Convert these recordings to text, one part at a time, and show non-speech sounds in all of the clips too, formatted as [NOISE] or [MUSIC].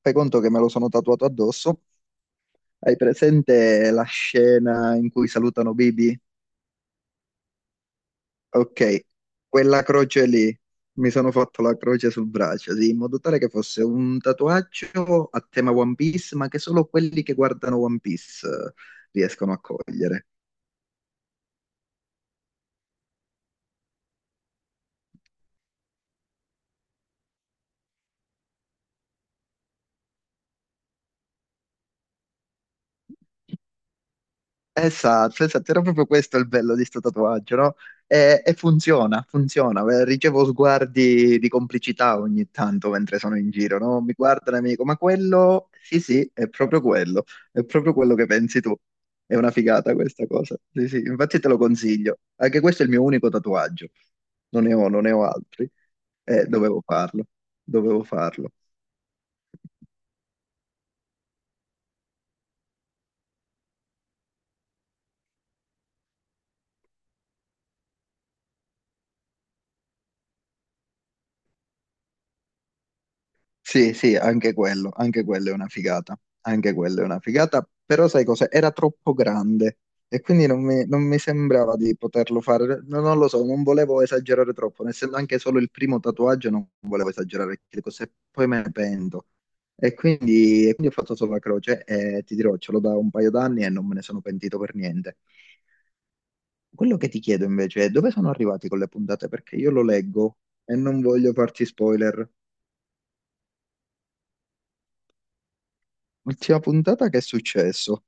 Fai conto che me lo sono tatuato addosso. Hai presente la scena in cui salutano Bibi? Ok, quella croce lì. Mi sono fatto la croce sul braccio, sì, in modo tale che fosse un tatuaggio a tema One Piece, ma che solo quelli che guardano One Piece riescono a cogliere. Esatto, esatto, era proprio questo il bello di sto tatuaggio, no? E funziona, funziona. Ricevo sguardi di complicità ogni tanto mentre sono in giro, no? Mi guardano e mi dicono, ma quello, sì, sì, è proprio quello che pensi tu. È una figata questa cosa. Sì, sì, infatti te lo consiglio. Anche questo è il mio unico tatuaggio. Non ne ho altri. Dovevo farlo, dovevo farlo. Sì, sì, anche quello è una figata, anche quello è una figata, però sai cos'è? Era troppo grande e quindi non mi sembrava di poterlo fare, no, non lo so, non volevo esagerare troppo, essendo anche solo il primo tatuaggio non volevo esagerare, che cose poi me ne pento. E quindi ho fatto solo la croce e ti dirò, ce l'ho da un paio d'anni e non me ne sono pentito per niente. Quello che ti chiedo invece è dove sono arrivati con le puntate, perché io lo leggo e non voglio farti spoiler. Ultima puntata, che è successo?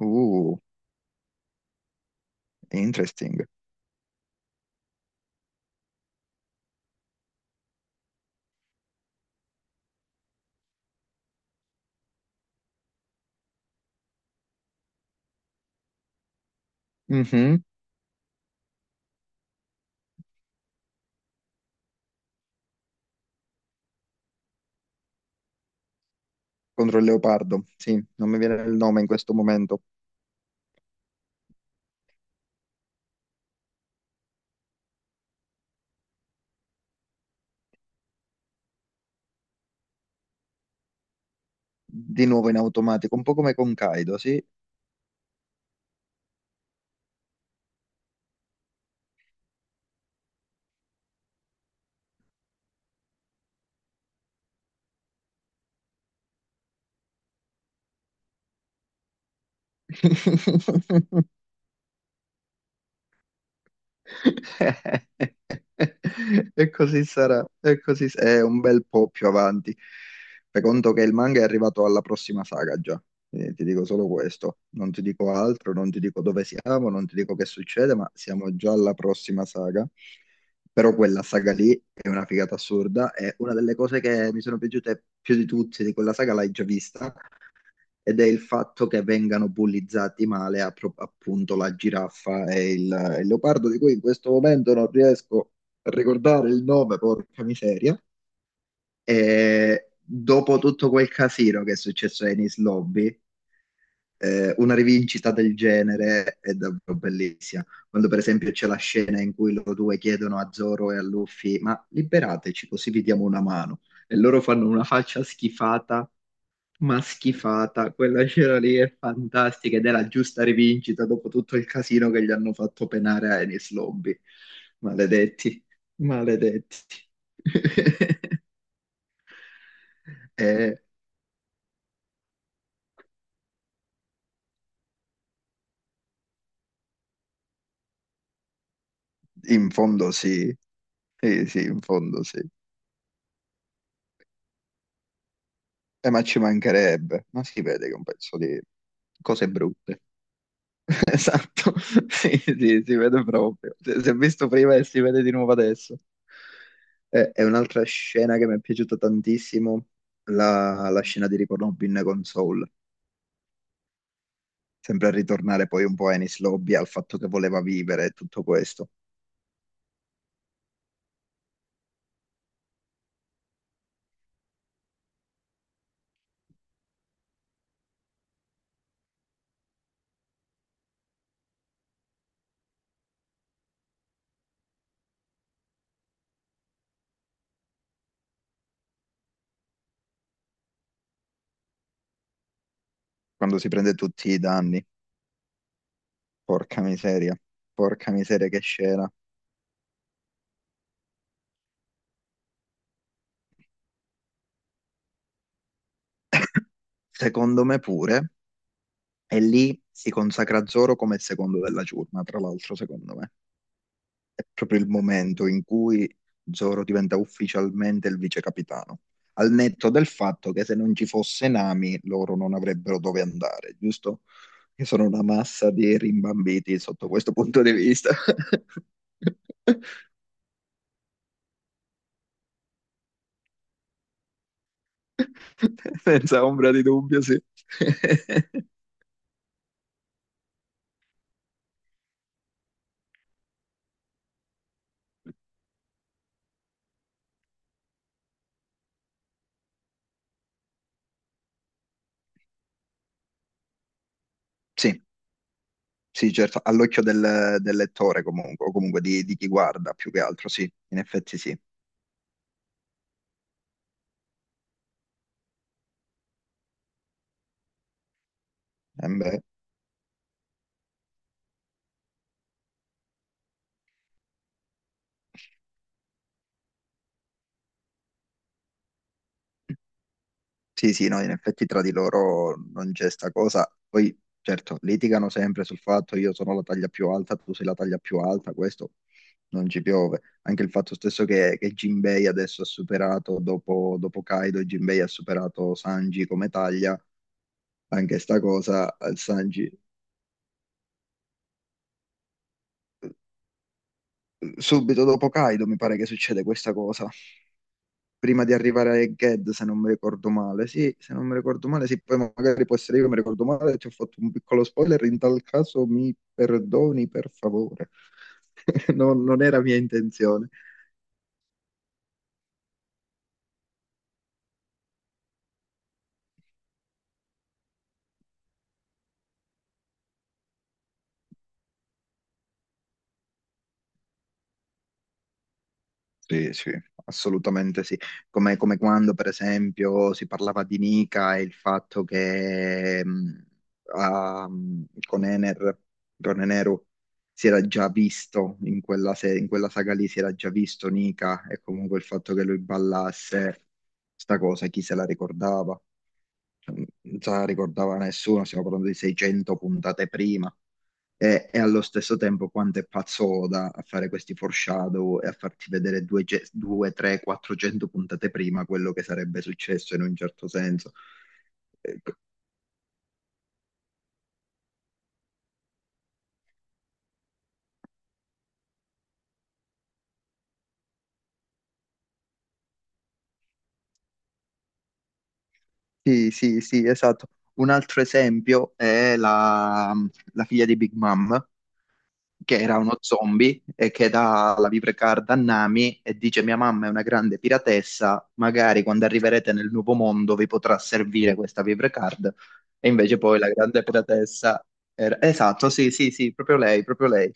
Uh, interesting. Mhm. Contro il leopardo, sì, non mi viene il nome in questo momento. Di nuovo in automatico, un po' come con Kaido, sì. [LAUGHS] [LAUGHS] E così sarà, è un bel po' più avanti. Fai conto che il manga è arrivato alla prossima saga già. Ti dico solo questo, non ti dico altro, non ti dico dove siamo, non ti dico che succede, ma siamo già alla prossima saga. Però quella saga lì è una figata assurda, è una delle cose che mi sono piaciute più di tutte di quella saga, l'hai già vista ed è il fatto che vengano bullizzati male appunto la giraffa e il leopardo, di cui in questo momento non riesco a ricordare il nome, porca miseria. E dopo tutto quel casino che è successo a Enis Lobby, una rivincita del genere è davvero bellissima. Quando per esempio c'è la scena in cui loro due chiedono a Zoro e a Luffy, ma liberateci così vi diamo una mano. E loro fanno una faccia schifata, ma schifata. Quella scena lì è fantastica ed è la giusta rivincita dopo tutto il casino che gli hanno fatto penare a Enies Lobby. Maledetti, maledetti. [LAUGHS] E in fondo sì, sì, sì, in fondo sì. Ma ci mancherebbe, ma si vede che è un pezzo di cose brutte. [LAUGHS] Esatto, sì, sì, si vede proprio. Si è visto prima e si vede di nuovo adesso. È un'altra scena che mi è piaciuta tantissimo, la scena di Rick Rubin con Soul. Sempre a ritornare poi un po' a Ennis Lobby, al fatto che voleva vivere e tutto questo. Quando si prende tutti i danni. Porca miseria, porca miseria che scena. Secondo me pure. E lì si consacra Zoro come il secondo della giornata, tra l'altro, secondo me. È proprio il momento in cui Zoro diventa ufficialmente il vice capitano. Al netto del fatto che se non ci fosse Nami, loro non avrebbero dove andare, giusto? Che sono una massa di rimbambiti sotto questo punto di vista. [LAUGHS] Senza ombra di dubbio, sì. [LAUGHS] Sì, sì, certo, all'occhio del lettore comunque, o comunque di chi guarda più che altro, sì, in effetti sì. Eh beh, sì, sì, no, in effetti tra di loro non c'è sta cosa. Poi, certo, litigano sempre sul fatto io sono la taglia più alta, tu sei la taglia più alta, questo non ci piove. Anche il fatto stesso che Jinbei adesso ha superato, dopo, dopo Kaido, Jinbei ha superato Sanji come taglia, anche sta cosa, Sanji... Subito dopo Kaido mi pare che succede questa cosa. Prima di arrivare a Ged, se non mi ricordo male. Sì, se non mi ricordo male, sì, poi magari può essere io che mi ricordo male, ti ho fatto un piccolo spoiler, in tal caso mi perdoni per favore. [LAUGHS] Non era mia intenzione. Sì, sì, assolutamente sì. Come, come quando, per esempio, si parlava di Nica e il fatto che con Ener, con Eneru, si era già visto in quella, in quella saga lì, si era già visto Nica e comunque il fatto che lui ballasse, sta cosa, chi se la ricordava? Cioè, non se la ricordava nessuno, stiamo parlando di 600 puntate prima e allo stesso tempo quanto è pazzoda a fare questi foreshadow e a farti vedere 2, 3, 400 puntate prima quello che sarebbe successo in un certo senso. Eh, Sì, sì, sì, esatto. Un altro esempio è la figlia di Big Mom, che era uno zombie e che dà la vibrecard a Nami e dice: mia mamma è una grande piratessa, magari quando arriverete nel nuovo mondo vi potrà servire questa vibrecard. E invece poi la grande piratessa era... Esatto, sì, sì, sì, proprio lei, proprio lei.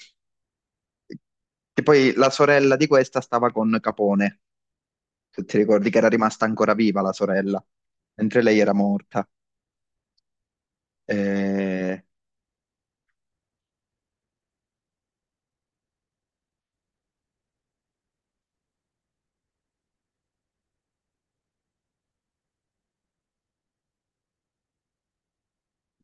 Che poi la sorella di questa stava con Capone, se ti ricordi che era rimasta ancora viva la sorella, mentre lei era morta. Eh,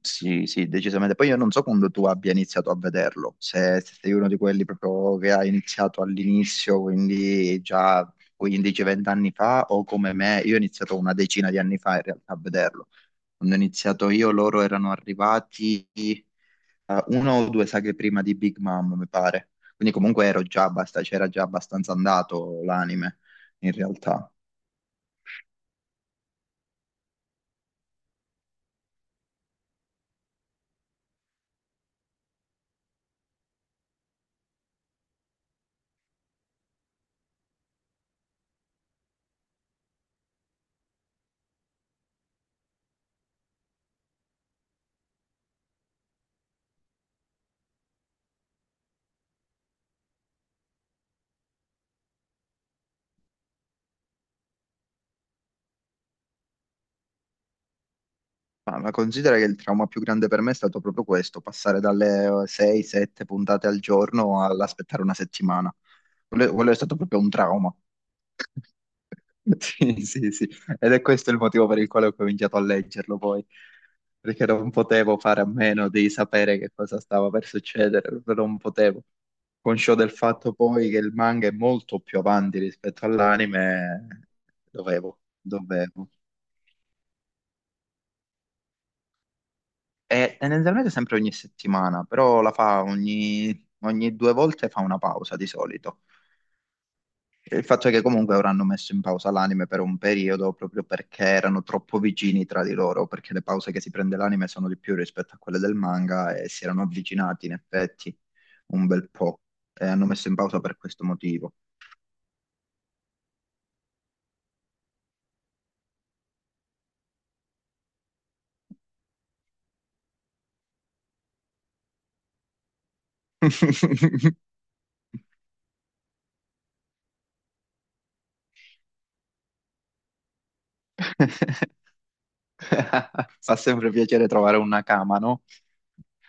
Sì, sì, decisamente. Poi io non so quando tu abbia iniziato a vederlo, se, se sei uno di quelli proprio che ha iniziato all'inizio, quindi già 15-20 anni fa, o come me, io ho iniziato una decina di anni fa in realtà a vederlo. Quando ho iniziato io, loro erano arrivati una o 2 saghe prima di Big Mom, mi pare. Quindi comunque ero già c'era già abbastanza andato l'anime, in realtà. Ma considera che il trauma più grande per me è stato proprio questo, passare dalle 6-7 puntate al giorno all'aspettare una settimana. Quello è stato proprio un trauma. [LAUGHS] Sì, sì, sì. Ed è questo il motivo per il quale ho cominciato a leggerlo poi, perché non potevo fare a meno di sapere che cosa stava per succedere, non potevo. Conscio del fatto poi che il manga è molto più avanti rispetto all'anime, dovevo, dovevo. E tendenzialmente sempre ogni settimana, però la fa ogni, ogni due volte fa una pausa di solito. Il fatto è che comunque ora hanno messo in pausa l'anime per un periodo proprio perché erano troppo vicini tra di loro, perché le pause che si prende l'anime sono di più rispetto a quelle del manga e si erano avvicinati in effetti un bel po' e hanno messo in pausa per questo motivo. [LAUGHS] Fa sempre piacere trovare una cama, no?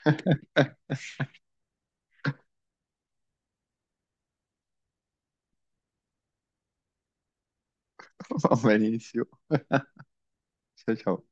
[LAUGHS] Va benissimo. Ciao ciao.